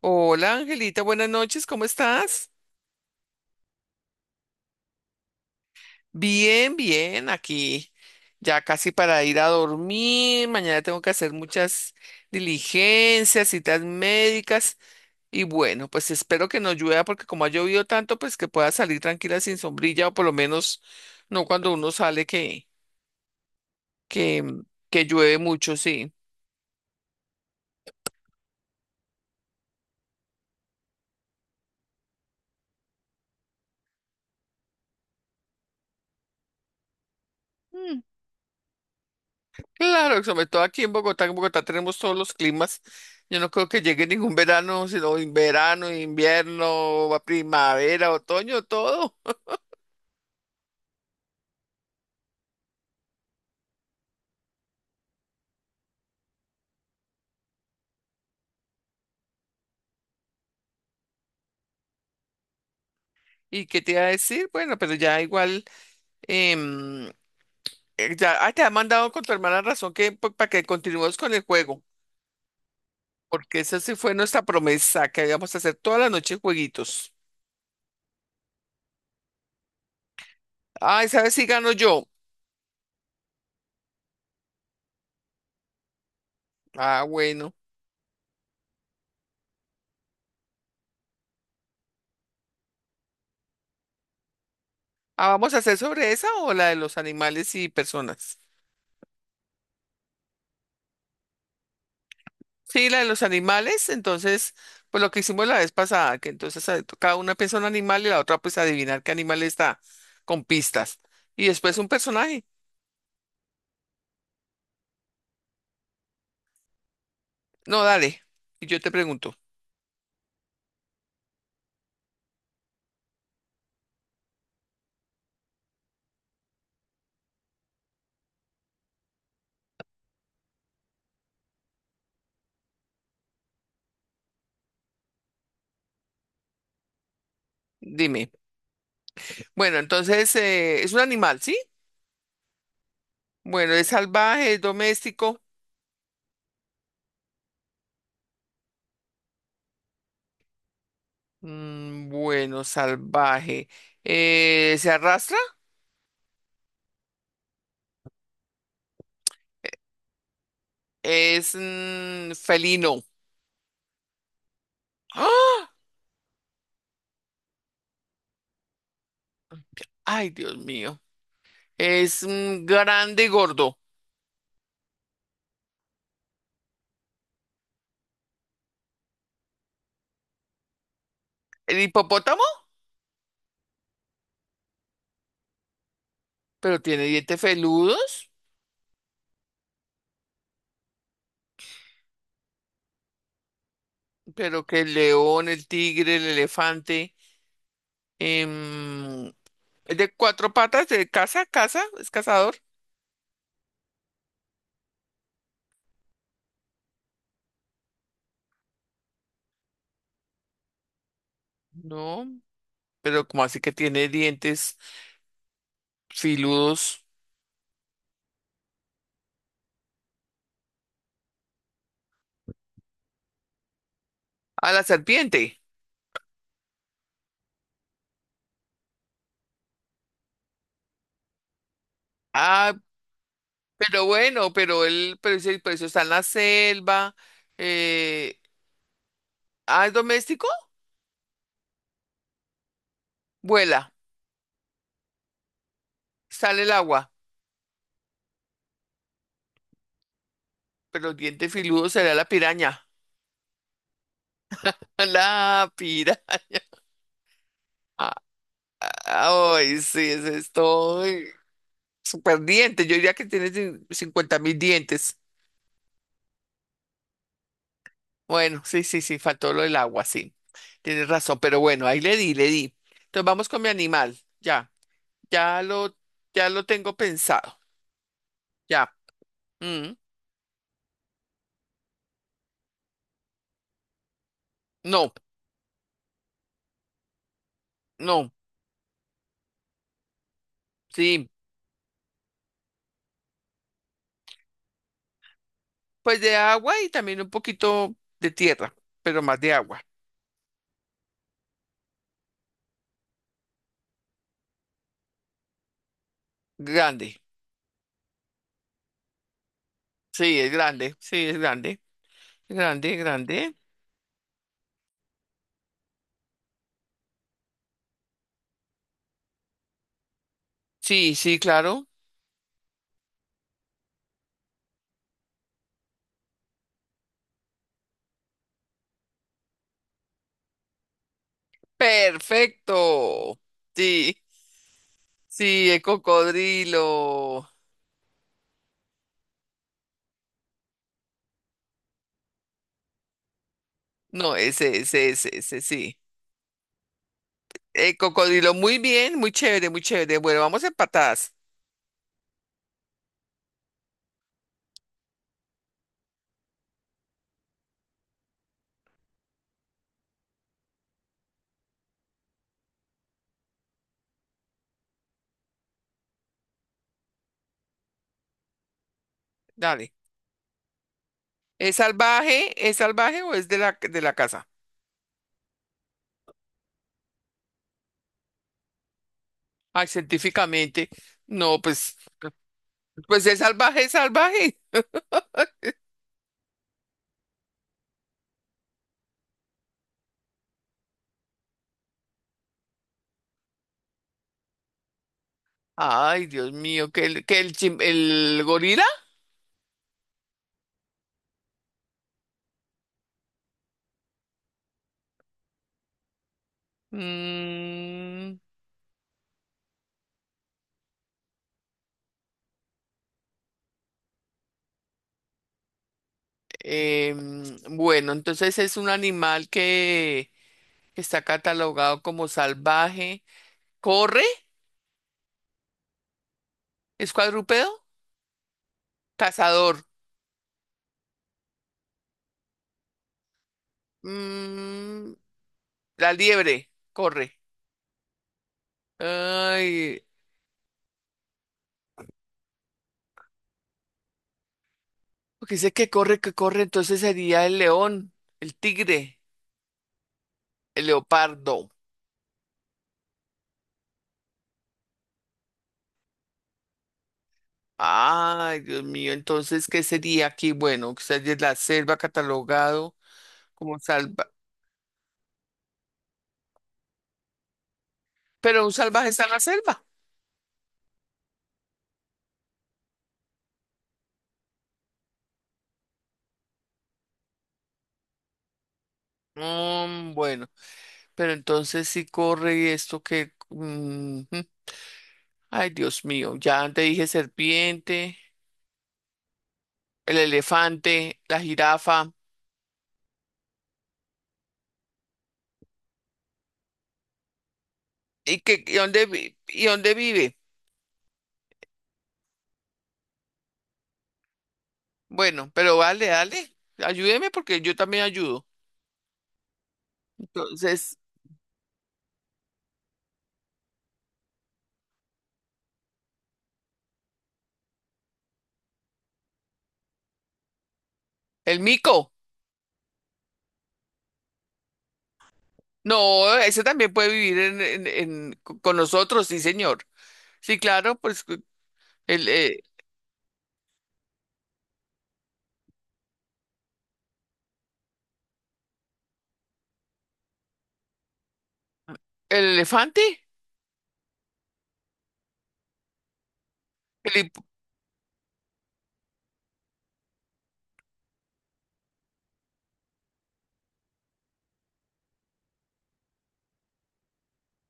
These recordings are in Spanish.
Hola Angelita, buenas noches, ¿cómo estás? Bien, bien, aquí ya casi para ir a dormir. Mañana tengo que hacer muchas diligencias, citas médicas y bueno, pues espero que no llueva porque como ha llovido tanto, pues que pueda salir tranquila sin sombrilla o por lo menos no cuando uno sale que que que llueve mucho, sí. Claro, sobre todo aquí en Bogotá tenemos todos los climas. Yo no creo que llegue ningún verano, sino verano, invierno, va primavera, otoño, todo. ¿Y qué te iba a decir? Bueno, pero ya igual, em, ya te ha mandado con tu hermana razón que para que continuemos con el juego, porque esa sí fue nuestra promesa, que íbamos a hacer toda la noche jueguitos. Ay, ¿sabes si gano yo? Ah, bueno. Ah, ¿vamos a hacer sobre esa o la de los animales y personas? Sí, la de los animales, entonces, pues lo que hicimos la vez pasada, que entonces cada una piensa un animal y la otra pues adivinar qué animal está, con pistas. Y después un personaje. No, dale, y yo te pregunto, dime. Bueno, entonces, es un animal, ¿sí? Bueno, es salvaje, es doméstico. Mm, bueno, salvaje. ¿Se arrastra? Es felino. ¡Ah! Ay, Dios mío. Es grande y gordo. ¿El hipopótamo? Pero tiene dientes feludos, pero que el león, el tigre, el elefante, em, es de cuatro patas, de caza, caza, es cazador, no, pero como así que tiene dientes filudos a la serpiente. Ah, pero bueno, pero él, pero pero eso está en la selva, eh, ah, es doméstico, vuela, sale el agua, pero el diente filudo será la piraña. La piraña. Ay, sí, ese es todo. Super dientes, yo diría que tiene 50.000 dientes. Bueno, sí, sí, sí, faltó lo del agua, sí. Tienes razón, pero bueno, ahí le di, le di. Entonces vamos con mi animal, ya, ya lo, ya lo tengo pensado, ya. Mm, no, no, sí, pues de agua y también un poquito de tierra, pero más de agua. Grande, sí, es grande, sí, es grande, grande, grande. Sí, sí, claro. Perfecto. Sí, sí, el cocodrilo. No, ese, sí. Cocodrilo, muy bien, muy chévere, muy chévere. Bueno, vamos empatadas. Dale. ¿Es salvaje? ¿Es salvaje o es de la casa? Ay, científicamente. No, pues, pues es salvaje, es salvaje. Ay, Dios mío, que el, el gorila. Mm, bueno, entonces es un animal que está catalogado como salvaje. ¿Corre? ¿Es cuadrúpedo? Cazador. Mm, la liebre corre. Ay, porque dice que corre, entonces sería el león, el tigre, el leopardo. Ay, Dios mío, entonces, ¿qué sería aquí? Bueno, quizás es la selva catalogado como salva. Pero un salvaje está en la selva. Mm, bueno, pero entonces si corre y esto que mm, ay, Dios mío, ya te dije serpiente, el elefante, la jirafa. ¿Y, qué, y dónde, y dónde vive? Bueno, pero vale, dale. Ayúdeme porque yo también ayudo. Entonces, el mico. No, ese también puede vivir en, con nosotros, sí, señor. Sí, claro, el, eh, el elefante, el, hip-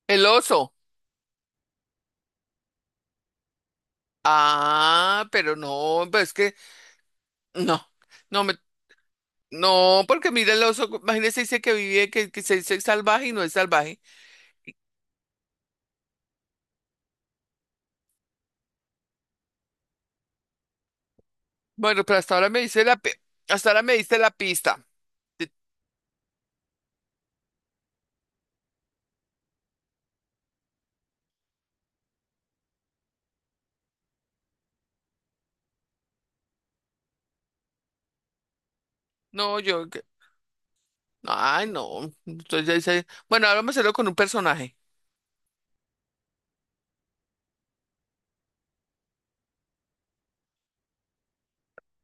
el oso. Ah, pero no, pues es que no, no me, no, porque mira el oso, imagínese, dice que vive, que se dice salvaje y no es salvaje. Bueno, pero hasta ahora me dice hasta ahora me diste la pista. Te- No, yo ay, no. Entonces ya dice, bueno, ahora me salió con un personaje.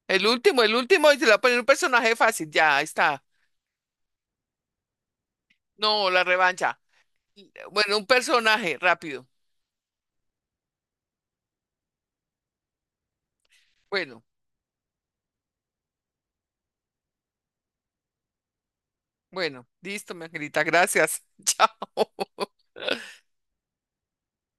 El último, y se le va a poner un personaje fácil. Ya, ahí está. No, la revancha. Bueno, un personaje, rápido. Bueno, bueno, listo, mi angelita, gracias. Chao.